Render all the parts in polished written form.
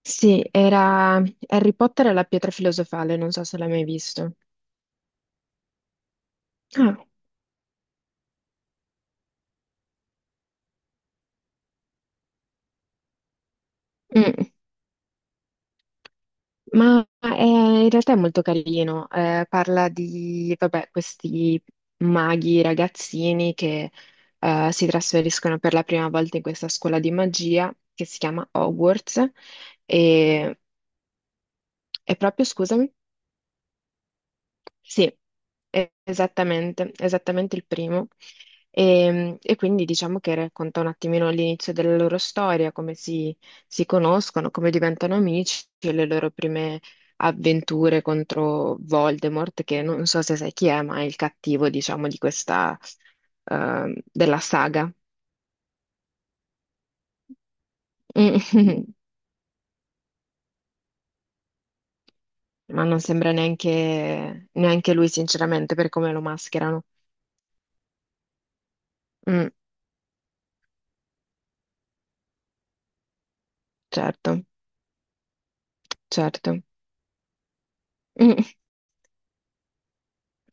Sì, era Harry Potter e la pietra filosofale, non so se l'hai mai visto. Ah, mm. Ma è- In realtà è molto carino, parla di, vabbè, questi maghi ragazzini che si trasferiscono per la prima volta in questa scuola di magia che si chiama Hogwarts e, e proprio, scusami? Sì, esattamente, esattamente il primo. E quindi diciamo che racconta un attimino l'inizio della loro storia, come si conoscono, come diventano amici e le loro prime avventure contro Voldemort, che non so se sai chi è, ma è il cattivo, diciamo, della saga. Ma non sembra neanche lui, sinceramente, per come lo mascherano. Mm, certo, certo. Mm,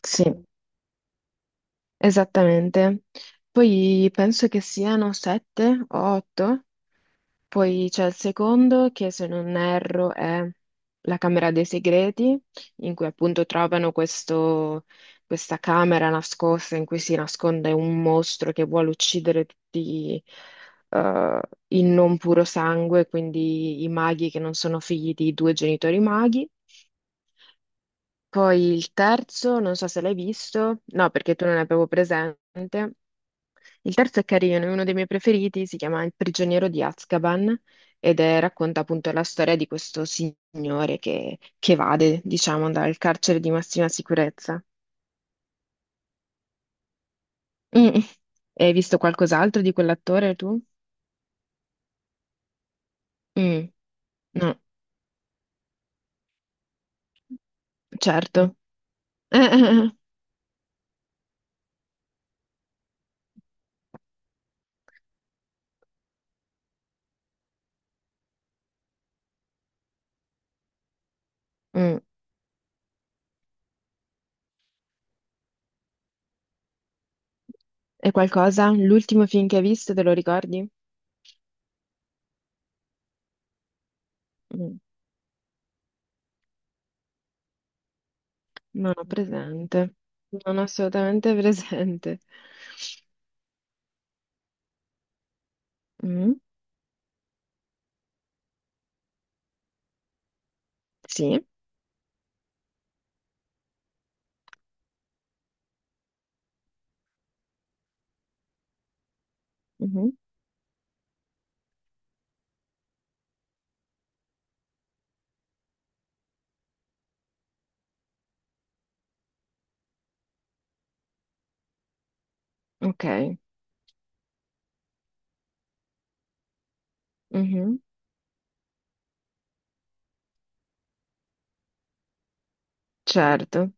sì. Esattamente. Poi penso che siano sette o otto. Poi c'è il secondo che, se non erro, è la Camera dei Segreti, in cui appunto trovano questa camera nascosta in cui si nasconde un mostro che vuole uccidere tutti eh, il non puro sangue, quindi i maghi che non sono figli di due genitori maghi. Poi il terzo, non so se l'hai visto, no, perché tu non ne avevo presente. Il terzo è carino, è uno dei miei preferiti, si chiama Il prigioniero di Azkaban ed racconta appunto la storia di questo signore che evade, diciamo, dal carcere di massima sicurezza. Mm. Hai visto qualcos'altro di quell'attore tu? Mm. No, certo. Mm. E qualcosa? L'ultimo film che hai visto, te lo ricordi? Mm. Non ho presente. Non ho assolutamente presente. Mm. Sì. Mhm. Ok. Mhm, certo,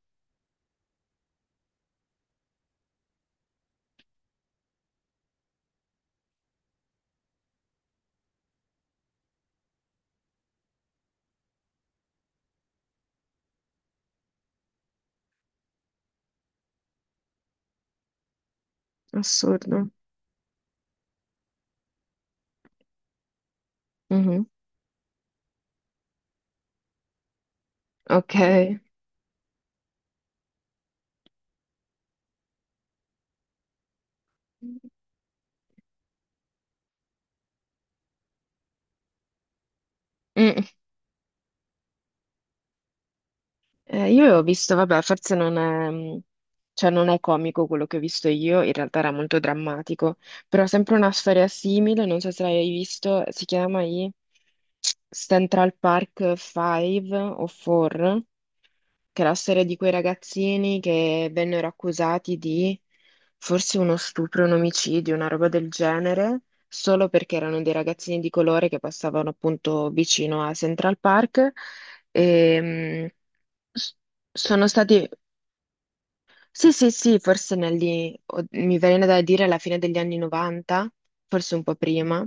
assurdo. Mhm, ok. Mm, io ho visto, vabbè, forse non è, cioè non è comico quello che ho visto io, in realtà era molto drammatico, però sempre una storia simile, non so se l'hai visto, si chiama i Central Park 5 o 4, che è la storia di quei ragazzini che vennero accusati di forse uno stupro, un omicidio, una roba del genere, solo perché erano dei ragazzini di colore che passavano appunto vicino a Central Park e mh, s- sono stati sì, sì, sì, forse mi viene da dire alla fine degli anni 90, forse un po' prima,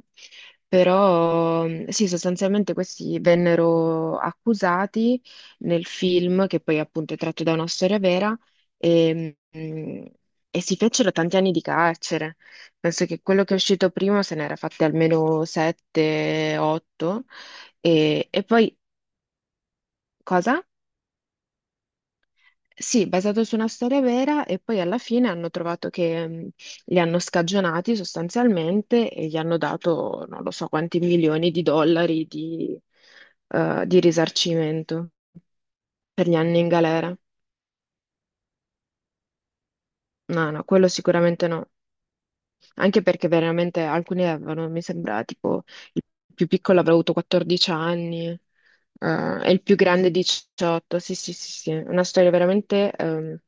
però sì, sostanzialmente questi vennero accusati nel film, che poi appunto è tratto da una storia vera, e, mm, e si fecero tanti anni di carcere. Penso che quello che è uscito prima se n'era fatti almeno 7, 8, e poi cosa? Sì, basato su una storia vera e poi alla fine hanno trovato che li hanno scagionati sostanzialmente e gli hanno dato non lo so quanti milioni di dollari di risarcimento per gli anni in galera. No, no, quello sicuramente no. Anche perché veramente alcuni avevano, mi sembra, tipo il più piccolo avrà avuto 14 anni, e il più grande 18. Sì, sì, sì, sì. Una storia veramente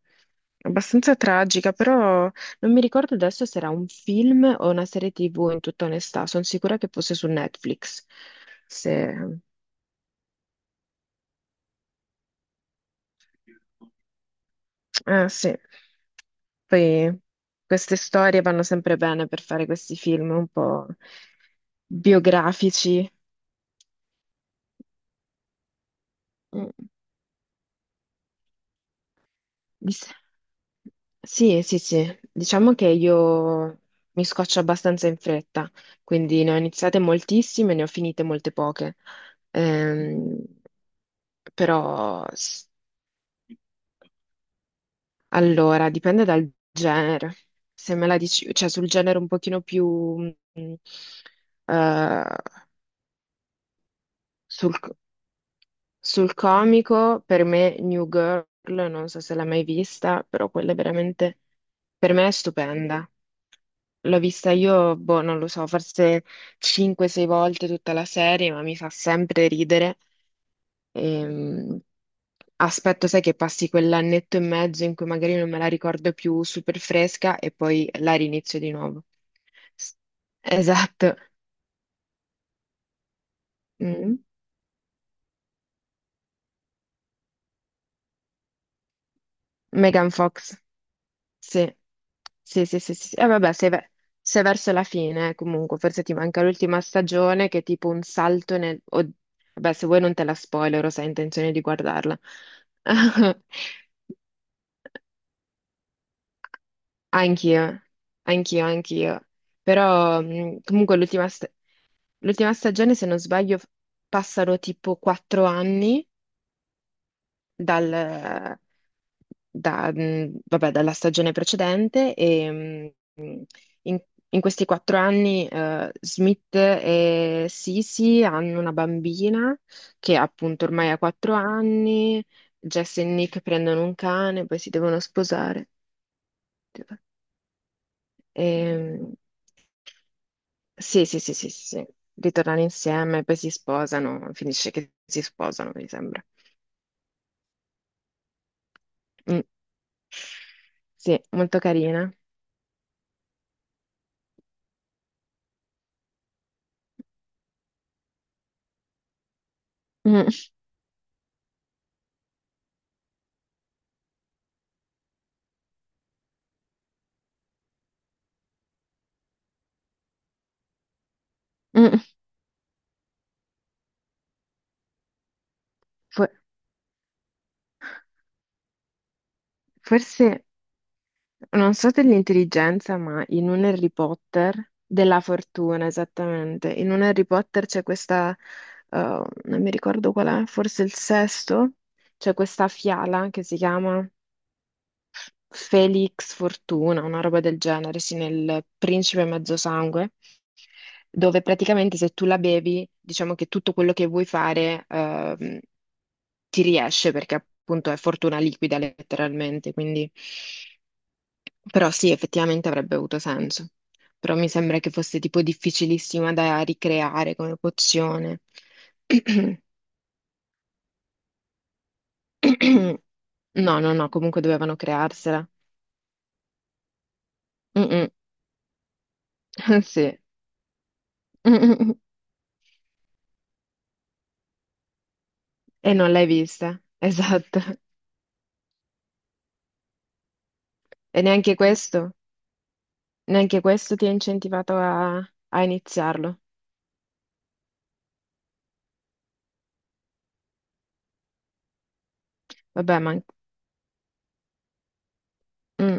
abbastanza tragica, però non mi ricordo adesso se era un film o una serie TV, in tutta onestà. Sono sicura che fosse su Netflix. Se... Ah, sì. Poi queste storie vanno sempre bene per fare questi film un po' biografici. Mm. Dis- Sì, sì, sì, diciamo che io mi scoccio abbastanza in fretta, quindi ne ho iniziate moltissime, ne ho finite molte poche. Ehm, però, allora, dipende dal genere. Se me la dici, cioè sul genere un pochino più, mh, eh, sul, Sul comico, per me, New Girl, non so se l'hai mai vista, però quella è veramente, per me è stupenda. L'ho vista io, boh, non lo so, forse 5-6 volte tutta la serie, ma mi fa sempre ridere. Ehm, aspetto, sai, che passi quell'annetto e mezzo in cui magari non me la ricordo più super fresca e poi la rinizio di nuovo. S- Esatto. Mm. Megan Fox. Sì, sì, sì, sì, sì. Sì. E vabbè, sei verso la fine, comunque, forse ti manca l'ultima stagione che è tipo un salto nel... Vabbè, se vuoi non te la spoilero, se hai intenzione di guardarla. Anch'io, anch'io, anch'io. Però comunque l'ultima stagione, se non sbaglio, passano tipo 4 anni dal, vabbè, dalla stagione precedente In, in questi 4 anni, Smith e Sisi hanno una bambina che appunto ormai ha 4 anni, Jess e Nick prendono un cane, poi si devono sposare. Ehm, sì, sì, sì, sì, sì, sì. Ritornano insieme, poi si sposano, finisce che si sposano, mi sembra. Mm. Sì, molto carina. Mm, mm. For- Forse non so dell'intelligenza, ma in un Harry Potter, della fortuna esattamente, in un Harry Potter c'è questa, non mi ricordo qual è, forse il sesto, c'è questa fiala che si chiama Felix Fortuna, una roba del genere, sì, nel Principe Mezzosangue, dove praticamente se tu la bevi, diciamo che tutto quello che vuoi fare, ti riesce perché appunto è fortuna liquida letteralmente, quindi... Però sì, effettivamente avrebbe avuto senso. Però mi sembra che fosse tipo difficilissima da ricreare come pozione. No, no, no, comunque dovevano crearsela. Mm-mm. Sì. Mm-mm. E non l'hai vista. Esatto. E neanche questo ti ha incentivato a iniziarlo. Vabbè, ma... mm.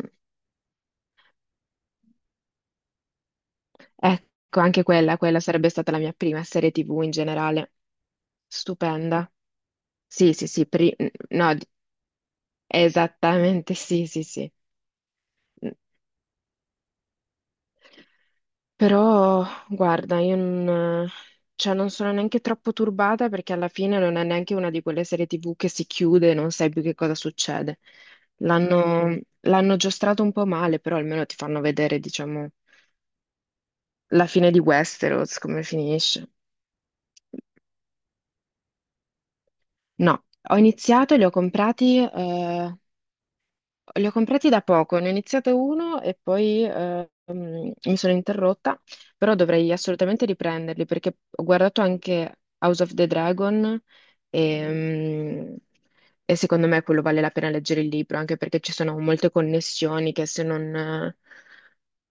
Ecco, anche quella, quella sarebbe stata la mia prima serie TV in generale. Stupenda. Sì, sì, sì, no, esattamente, sì, sì, sì. Però, guarda, io non, cioè, non sono neanche troppo turbata perché alla fine non è neanche una di quelle serie TV che si chiude e non sai più che cosa succede. L'hanno giostrato un po' male, però almeno ti fanno vedere, diciamo, la fine di Westeros, come finisce. No, ho iniziato, e li ho comprati, li ho comprati da poco, ne ho iniziato uno e poi mi sono interrotta, però dovrei assolutamente riprenderli perché ho guardato anche House of the Dragon e, mm, e secondo me quello vale la pena leggere il libro, anche perché ci sono molte connessioni che se non,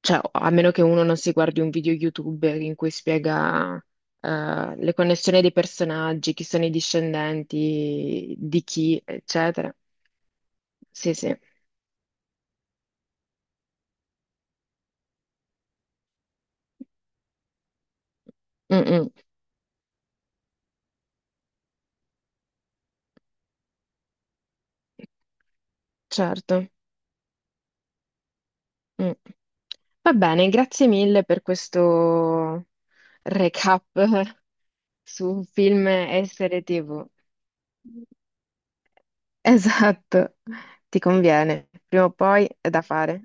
cioè a meno che uno non si guardi un video YouTube in cui spiega le connessioni dei personaggi, chi sono i discendenti, di chi, eccetera. Sì, sì. Mm, mm. Certo. Mm. Va bene, grazie mille per questo recap su film e serie TV. Esatto, ti conviene, prima o poi è da fare.